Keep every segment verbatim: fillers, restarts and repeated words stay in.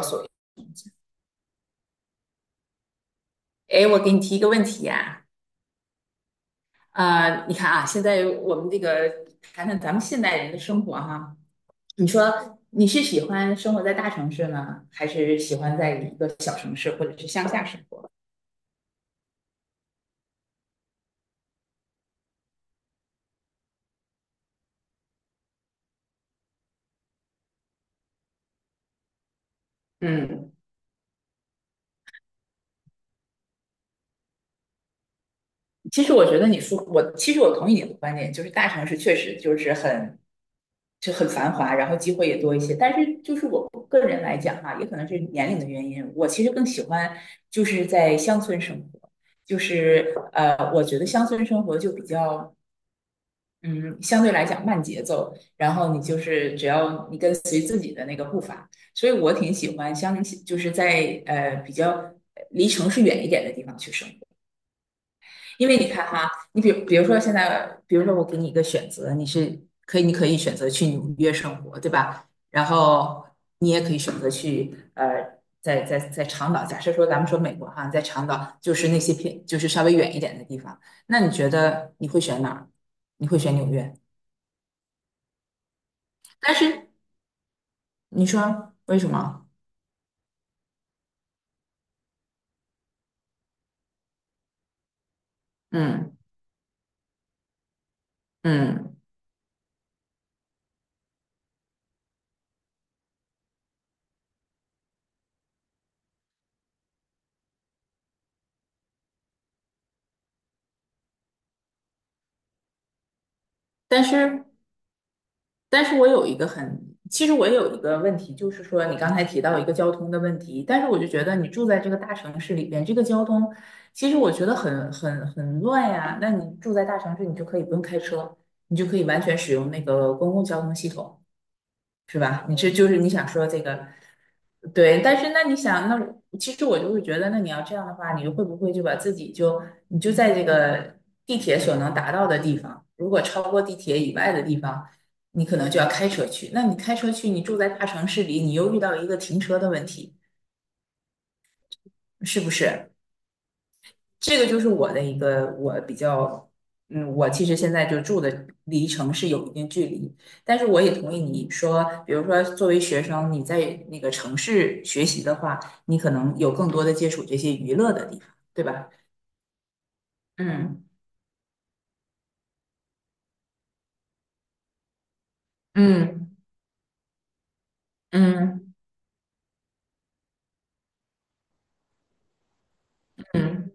所哎，我给你提一个问题呀、啊，你看啊，现在我们这个谈谈咱们现代人的生活哈，你说你是喜欢生活在大城市呢，还是喜欢在一个小城市或者是乡下生活？嗯，其实我觉得你说我，其实我同意你的观点，就是大城市确实就是很就很繁华，然后机会也多一些。但是就是我个人来讲哈、也可能是年龄的原因，我其实更喜欢就是在乡村生活，就是呃，我觉得乡村生活就比较嗯，相对来讲慢节奏，然后你就是只要你跟随自己的那个步伐，所以我挺喜欢乡，就是在呃比较离城市远一点的地方去生活。因为你看哈，你比比如说现在，比如说我给你一个选择，你是可以，你可以选择去纽约生活，对吧？然后你也可以选择去呃，在在在长岛，假设说咱们说美国哈，在长岛就是那些偏就是稍微远一点的地方，那你觉得你会选哪儿？你会选纽约？但是你说为什么？嗯嗯，但是但是我有一个很，其实我有一个问题，就是说你刚才提到一个交通的问题，但是我就觉得你住在这个大城市里边，这个交通其实我觉得很很很乱呀。那你住在大城市，你就可以不用开车，你就可以完全使用那个公共交通系统，是吧？你是就是你想说这个？对，但是那你想，那我其实我就会觉得，那你要这样的话，你会不会就把自己就你就在这个地铁所能达到的地方，如果超过地铁以外的地方，你可能就要开车去。那你开车去，你住在大城市里，你又遇到一个停车的问题，是不是？这个就是我的一个我比较，嗯，我其实现在就住的离城市有一定距离，但是我也同意你说，比如说作为学生，你在那个城市学习的话，你可能有更多的接触这些娱乐的地方，对吧？嗯嗯嗯嗯，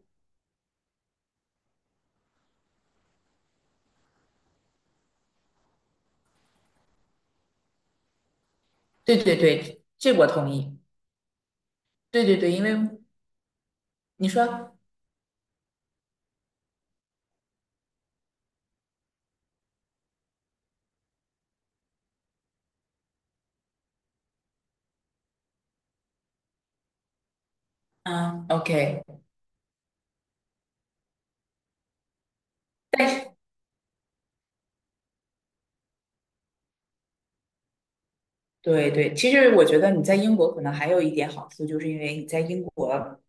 对对对，这我同意。对对对，因为你说，嗯，OK。但是对对，其实我觉得你在英国可能还有一点好处，就是因为你在英国。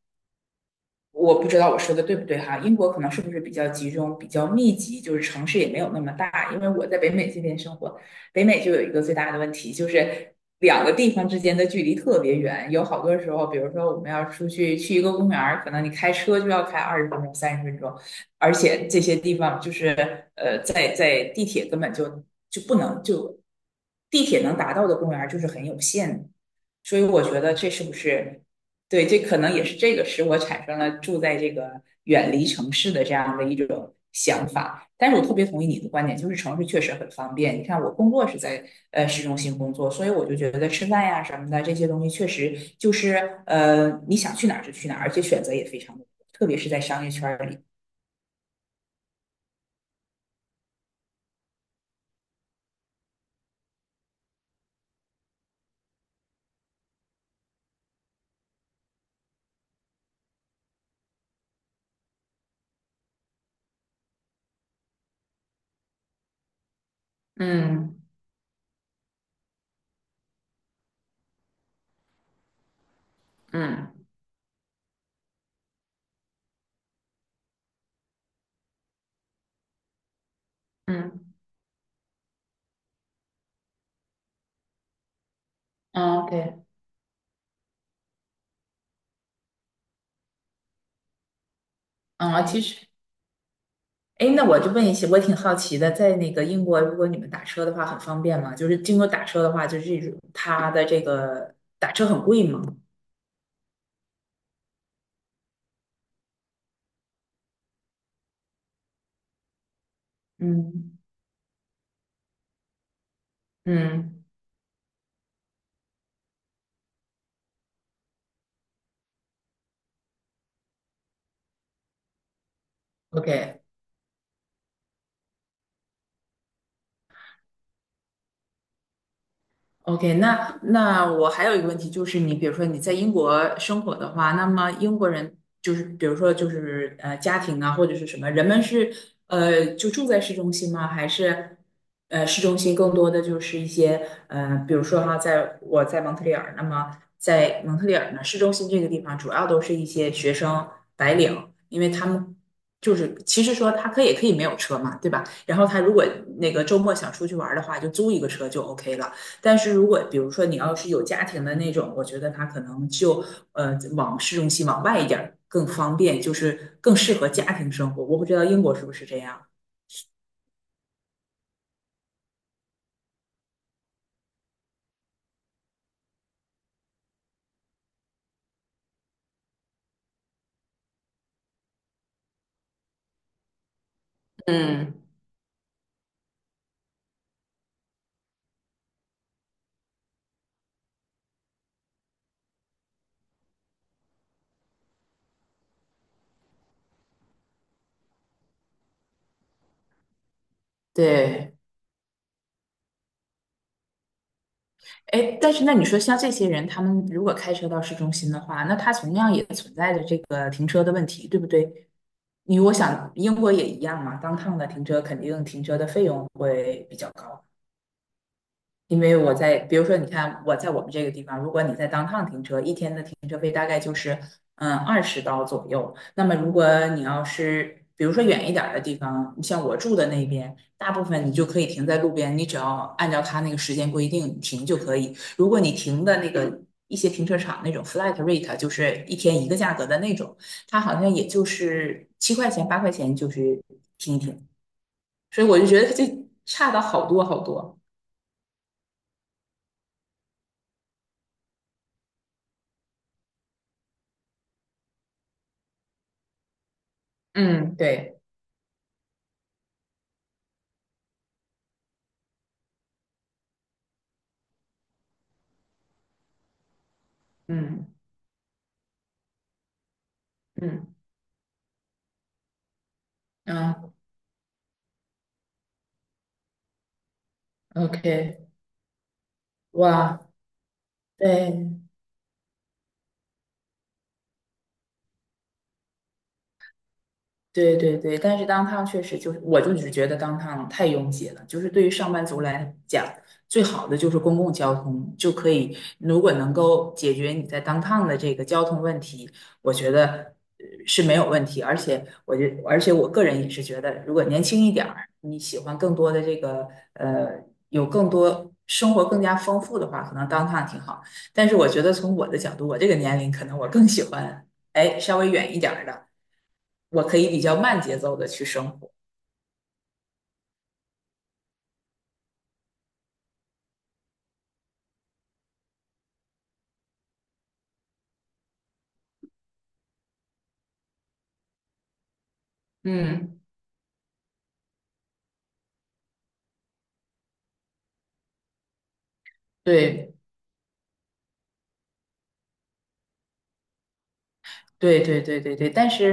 我不知道我说的对不对哈，英国可能是不是比较集中、比较密集，就是城市也没有那么大。因为我在北美这边生活，北美就有一个最大的问题，就是两个地方之间的距离特别远。有好多时候，比如说我们要出去去一个公园可能你开车就要开二十分钟、三十分钟，而且这些地方就是呃，在在地铁根本就就不能就地铁能达到的公园就是很有限的。所以我觉得这是不是对，这可能也是这个使我产生了住在这个远离城市的这样的一种想法。但是我特别同意你的观点，就是城市确实很方便。你看，我工作是在呃市中心工作，所以我就觉得吃饭呀什么的这些东西，确实就是呃你想去哪儿就去哪儿，而且选择也非常的多，特别是在商业圈儿里。嗯嗯嗯 o k 嗯，其实哎，那我就问一下，我挺好奇的，在那个英国，如果你们打车的话，很方便吗？就是经过打车的话，就是这种它的这个打车很贵吗？嗯，嗯，OK，OK，那那我还有一个问题，就是你比如说你在英国生活的话，那么英国人就是比如说就是呃家庭啊或者是什么，人们是呃就住在市中心吗？还是呃市中心更多的就是一些呃比如说哈，在我在蒙特利尔，那么在蒙特利尔呢，市中心这个地方主要都是一些学生白领，因为他们就是其实说他可以可以没有车嘛，对吧？然后他如果那个周末想出去玩儿的话，就租一个车就 OK 了。但是如果比如说你要是有家庭的那种，我觉得他可能就呃往市中心往外一点儿更方便，就是更适合家庭生活。我不知道英国是不是这样。嗯，对，哎，但是那你说像这些人，他们如果开车到市中心的话，那他同样也存在着这个停车的问题，对不对？因为我想英国也一样嘛，当趟的停车肯定停车的费用会比较高。因为我在，比如说，你看我在我们这个地方，如果你在当趟停车，一天的停车费大概就是嗯二十刀左右。那么如果你要是比如说远一点儿的地方，你像我住的那边，大部分你就可以停在路边，你只要按照他那个时间规定停就可以。如果你停的那个一些停车场那种 flat rate，就是一天一个价格的那种，它好像也就是七块钱八块钱就是停一停，所以我就觉得它就差的好多好多。嗯，对。嗯。嗯啊，OK，哇，对，对对对，但是当趟确实就是，我就只觉得当趟太拥挤了。就是对于上班族来讲，最好的就是公共交通，就可以如果能够解决你在当趟的这个交通问题，我觉得呃是没有问题。而且我觉，而且我个人也是觉得，如果年轻一点儿，你喜欢更多的这个呃，有更多生活更加丰富的话，可能当趟挺好。但是我觉得从我的角度，我这个年龄，可能我更喜欢哎稍微远一点儿的。我可以比较慢节奏的去生活。嗯，对，对，对，对，对，对。但是，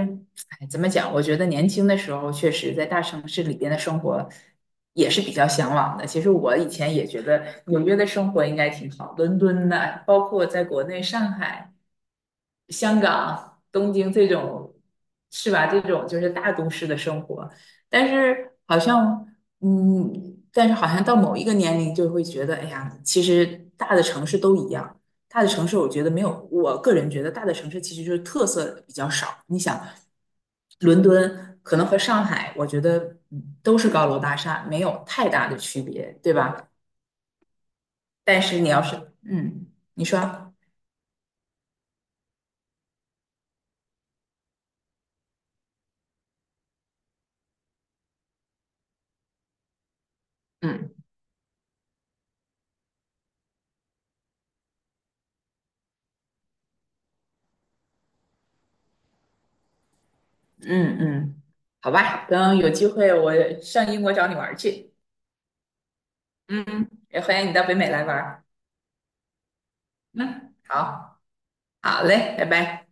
哎，怎么讲？我觉得年轻的时候，确实在大城市里边的生活也是比较向往的。其实我以前也觉得纽约的生活应该挺好，伦敦的，包括在国内上海，香港、东京这种，是吧？这种就是大都市的生活，但是好像，嗯，但是好像到某一个年龄就会觉得，哎呀，其实大的城市都一样。大的城市，我觉得没有，我个人觉得大的城市其实就是特色比较少。你想，伦敦可能和上海，我觉得嗯都是高楼大厦，没有太大的区别，对吧？但是你要是，嗯，你说。嗯。嗯嗯，好吧，等有机会我上英国找你玩儿去。嗯，也欢迎你到北美来玩儿嗯，好，好嘞，拜拜。